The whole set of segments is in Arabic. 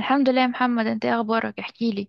الحمد لله يا محمد، انت ايه اخبارك؟ احكي لي.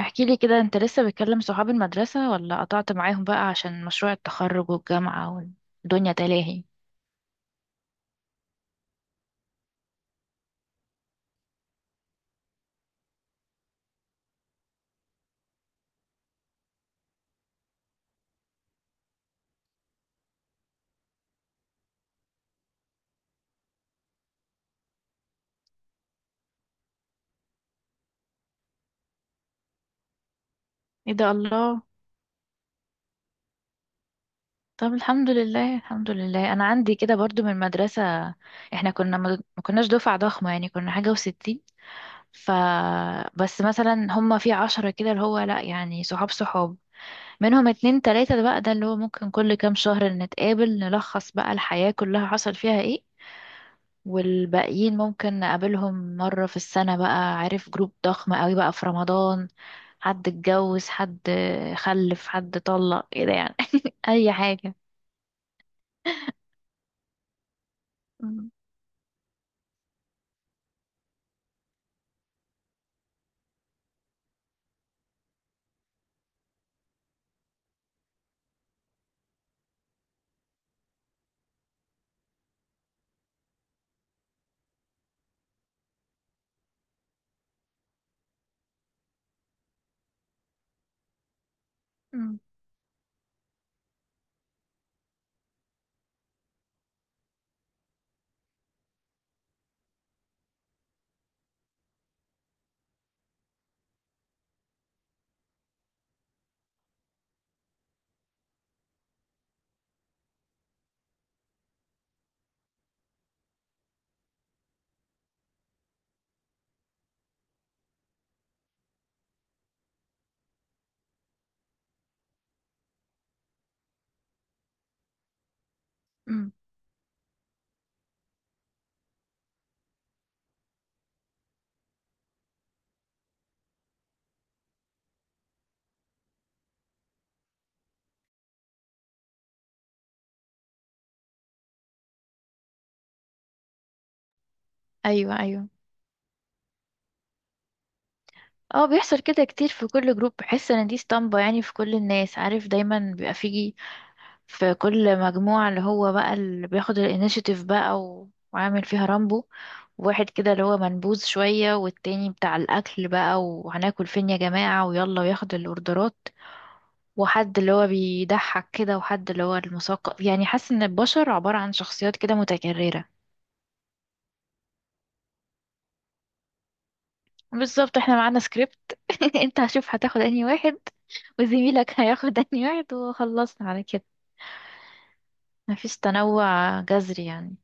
احكي لي كده، انت لسه بتكلم صحاب المدرسة ولا قطعت معاهم بقى عشان مشروع التخرج والجامعة والدنيا تلاهي؟ ايه ده، الله. طب الحمد لله، الحمد لله. انا عندي كده برضو من المدرسة. احنا كنا ما ما كناش دفعة ضخمة يعني، كنا حاجة وستين. ف بس مثلا هما في 10 كده، اللي هو لا يعني صحاب صحاب. منهم اتنين تلاتة، ده بقى ده اللي هو ممكن كل كام شهر نتقابل، نلخص بقى الحياة كلها حصل فيها ايه. والباقيين ممكن نقابلهم مرة في السنة بقى، عارف، جروب ضخم قوي بقى في رمضان. حد اتجوز، حد خلف، حد طلق، كده يعني. أي حاجة. أمم. أمم. أمم. أيوة، أيوة. اه، بيحصل كده كتير. في كل جروب بحس ان دي اسطمبة يعني، في كل الناس، عارف، دايما بيبقى فيه في كل مجموعة اللي هو بقى اللي بياخد الانيشيتيف بقى و- وعامل فيها رامبو. واحد كده اللي هو منبوذ شوية، والتاني بتاع الأكل بقى وهناكل فين يا جماعة ويلا وياخد الأوردرات، وحد اللي هو بيضحك كده، وحد اللي هو المثقف. يعني حاسة إن البشر عبارة عن شخصيات كده متكررة. بالظبط، احنا معانا سكريبت. انت هشوف هتاخد أنهي واحد وزميلك هياخد أنهي واحد وخلصنا على كده. مفيش تنوع جذري يعني.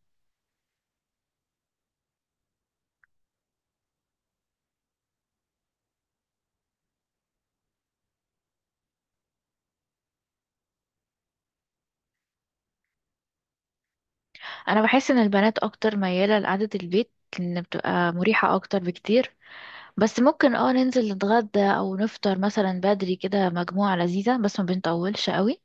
أنا بحس إن البنات أكتر ميالة لقعدة البيت، لأن بتبقى مريحة أكتر بكتير. بس ممكن ننزل نتغدى او نفطر مثلا بدري كده، مجموعة لذيذة بس ما بنطولش قوي.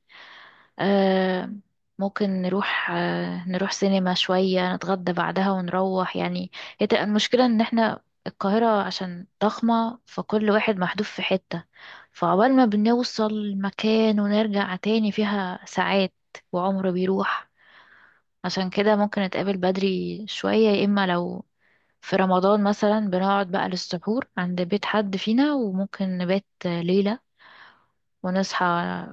آه، ممكن نروح سينما شوية، نتغدى بعدها ونروح يعني. هي تبقى المشكلة ان احنا، القاهرة عشان ضخمة فكل واحد محدود في حتة، فعقبال ما بنوصل المكان ونرجع تاني فيها ساعات، وعمر بيروح. عشان كده ممكن نتقابل بدري شوية، يا إما لو في رمضان مثلا بنقعد بقى للسحور عند بيت حد فينا، وممكن نبات ليلة ونصحى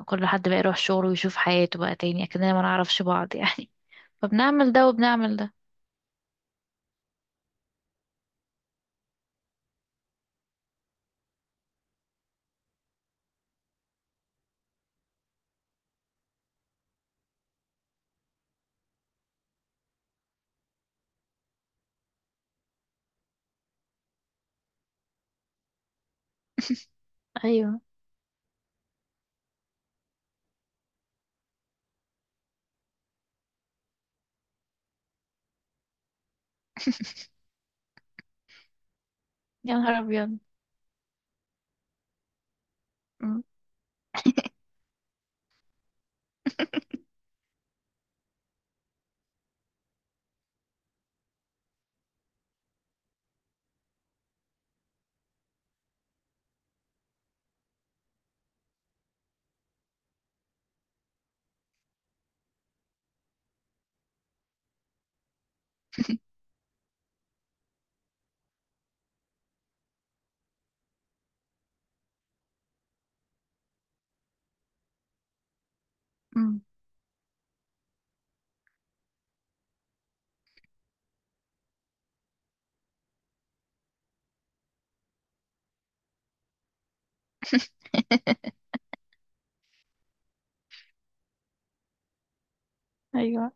كل حد بقى يروح شغله ويشوف حياته بقى تاني، أكننا ما نعرفش بعض يعني. فبنعمل ده وبنعمل ده. أيوه. يا نهار أبيض. أمم. أمم. أيوه،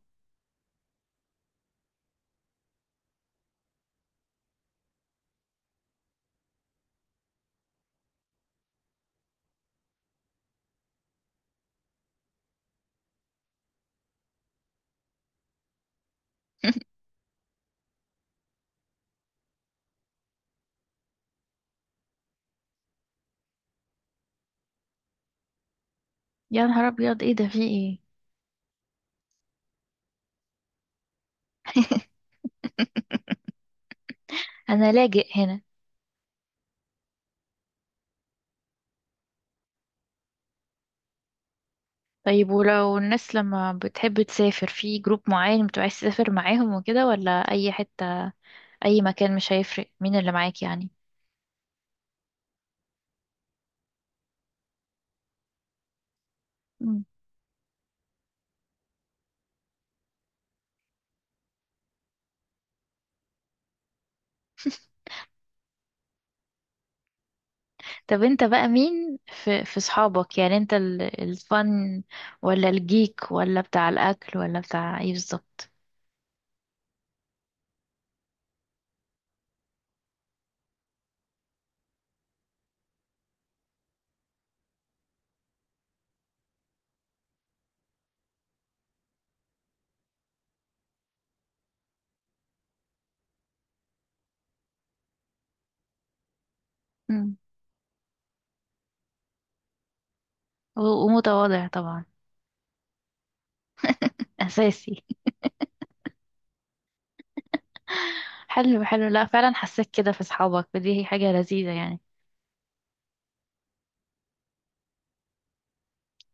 يا نهار أبيض، إيه ده، في إيه؟ أنا لاجئ هنا. طيب، ولو الناس لما بتحب تسافر في جروب معين بتبقى عايز تسافر معاهم وكده، ولا أي حتة أي مكان مش هيفرق مين اللي معاك يعني؟ مم. طب انت بقى مين في صحابك يعني؟ انت الفن، ولا الجيك، ولا بتاع الاكل، ولا بتاع ايه بالظبط؟ مم. و- ومتواضع طبعا. اساسي. حلو حلو، لا فعلا حسيت كده في صحابك، ودي هي حاجة لذيذة يعني.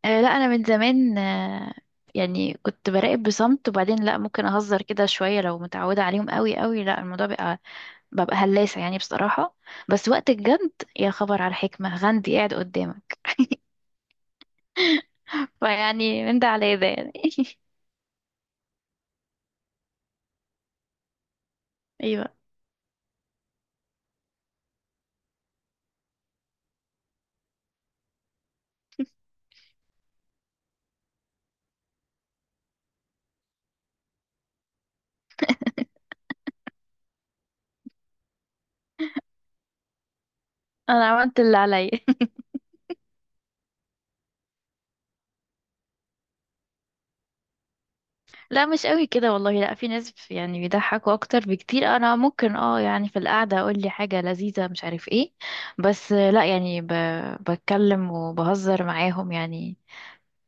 آه لا، انا من زمان يعني كنت براقب بصمت، وبعدين لا ممكن اهزر كده شوية. لو متعودة عليهم قوي قوي، لا الموضوع بقى ببقى هلاسة يعني بصراحة. بس وقت الجد، يا خبر على الحكمة غندي قاعد قدامك. فيعني من ده على ده يعني. ايوه، انا عملت اللي عليا. لا مش قوي كده والله، لا في ناس يعني بيضحكوا اكتر بكتير. انا ممكن يعني في القعده اقول لي حاجه لذيذه مش عارف ايه. بس لا يعني بتكلم وبهزر معاهم يعني.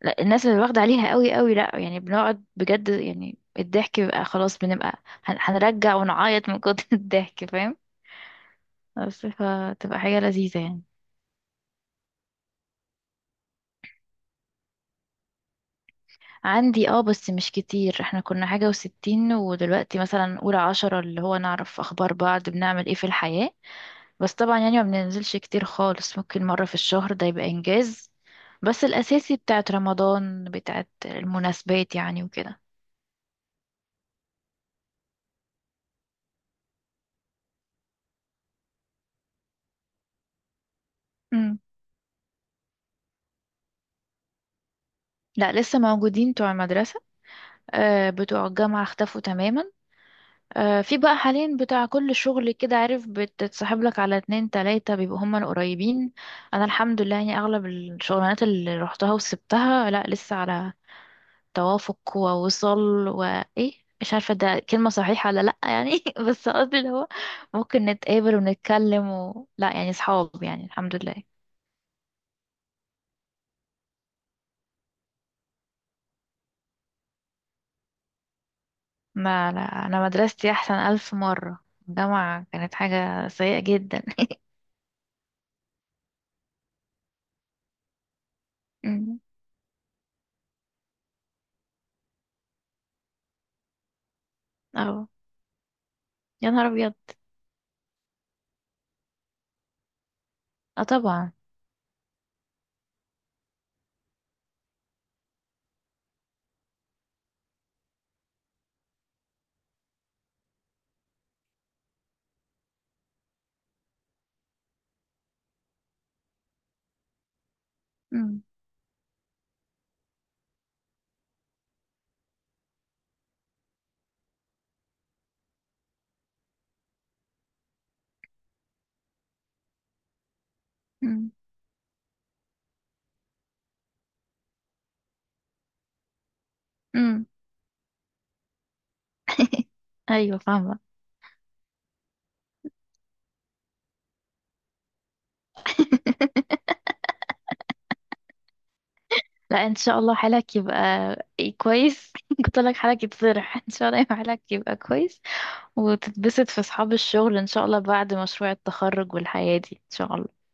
لا الناس اللي واخده عليها قوي قوي، لا يعني بنقعد بجد يعني الضحك بيبقى خلاص، بنبقى هنرجع ونعيط من كتر الضحك، فاهم؟ بس فتبقى حاجه لذيذه يعني. عندي بس مش كتير، احنا كنا حاجة وستين ودلوقتي مثلا أولى 10 اللي هو نعرف أخبار بعض، بنعمل ايه في الحياة. بس طبعا يعني ما بننزلش كتير خالص، ممكن مرة في الشهر ده يبقى إنجاز، بس الأساسي بتاعت رمضان، بتاعت المناسبات يعني وكده. مم. لا لسه موجودين بتوع المدرسة. آه بتوع الجامعة اختفوا تماما. آه، في بقى حاليا بتاع كل شغل كده، عارف، بتتصاحب لك على اتنين تلاتة بيبقوا هما القريبين. انا الحمد لله يعني، اغلب الشغلانات اللي روحتها وسبتها لا لسه على توافق ووصل وايه، مش عارفة ده كلمة صحيحة ولا لأ يعني. بس قصدي اللي هو ممكن نتقابل ونتكلم لا يعني صحاب يعني، الحمد لله. ما لا، أنا مدرستي أحسن ألف مرة، الجامعة كانت حاجة سيئة جدا. أمم. اه. يا نهار أبيض. اه طبعا. أمم. أمم. أمم. ايوه، فاهمه. لا، ان شاء الله حالك يبقى كويس. قلت لك حالك يتصلح. ان شاء الله يبقى حالك يبقى كويس، وتتبسط في اصحاب الشغل ان شاء الله بعد مشروع التخرج، والحياه دي ان شاء الله.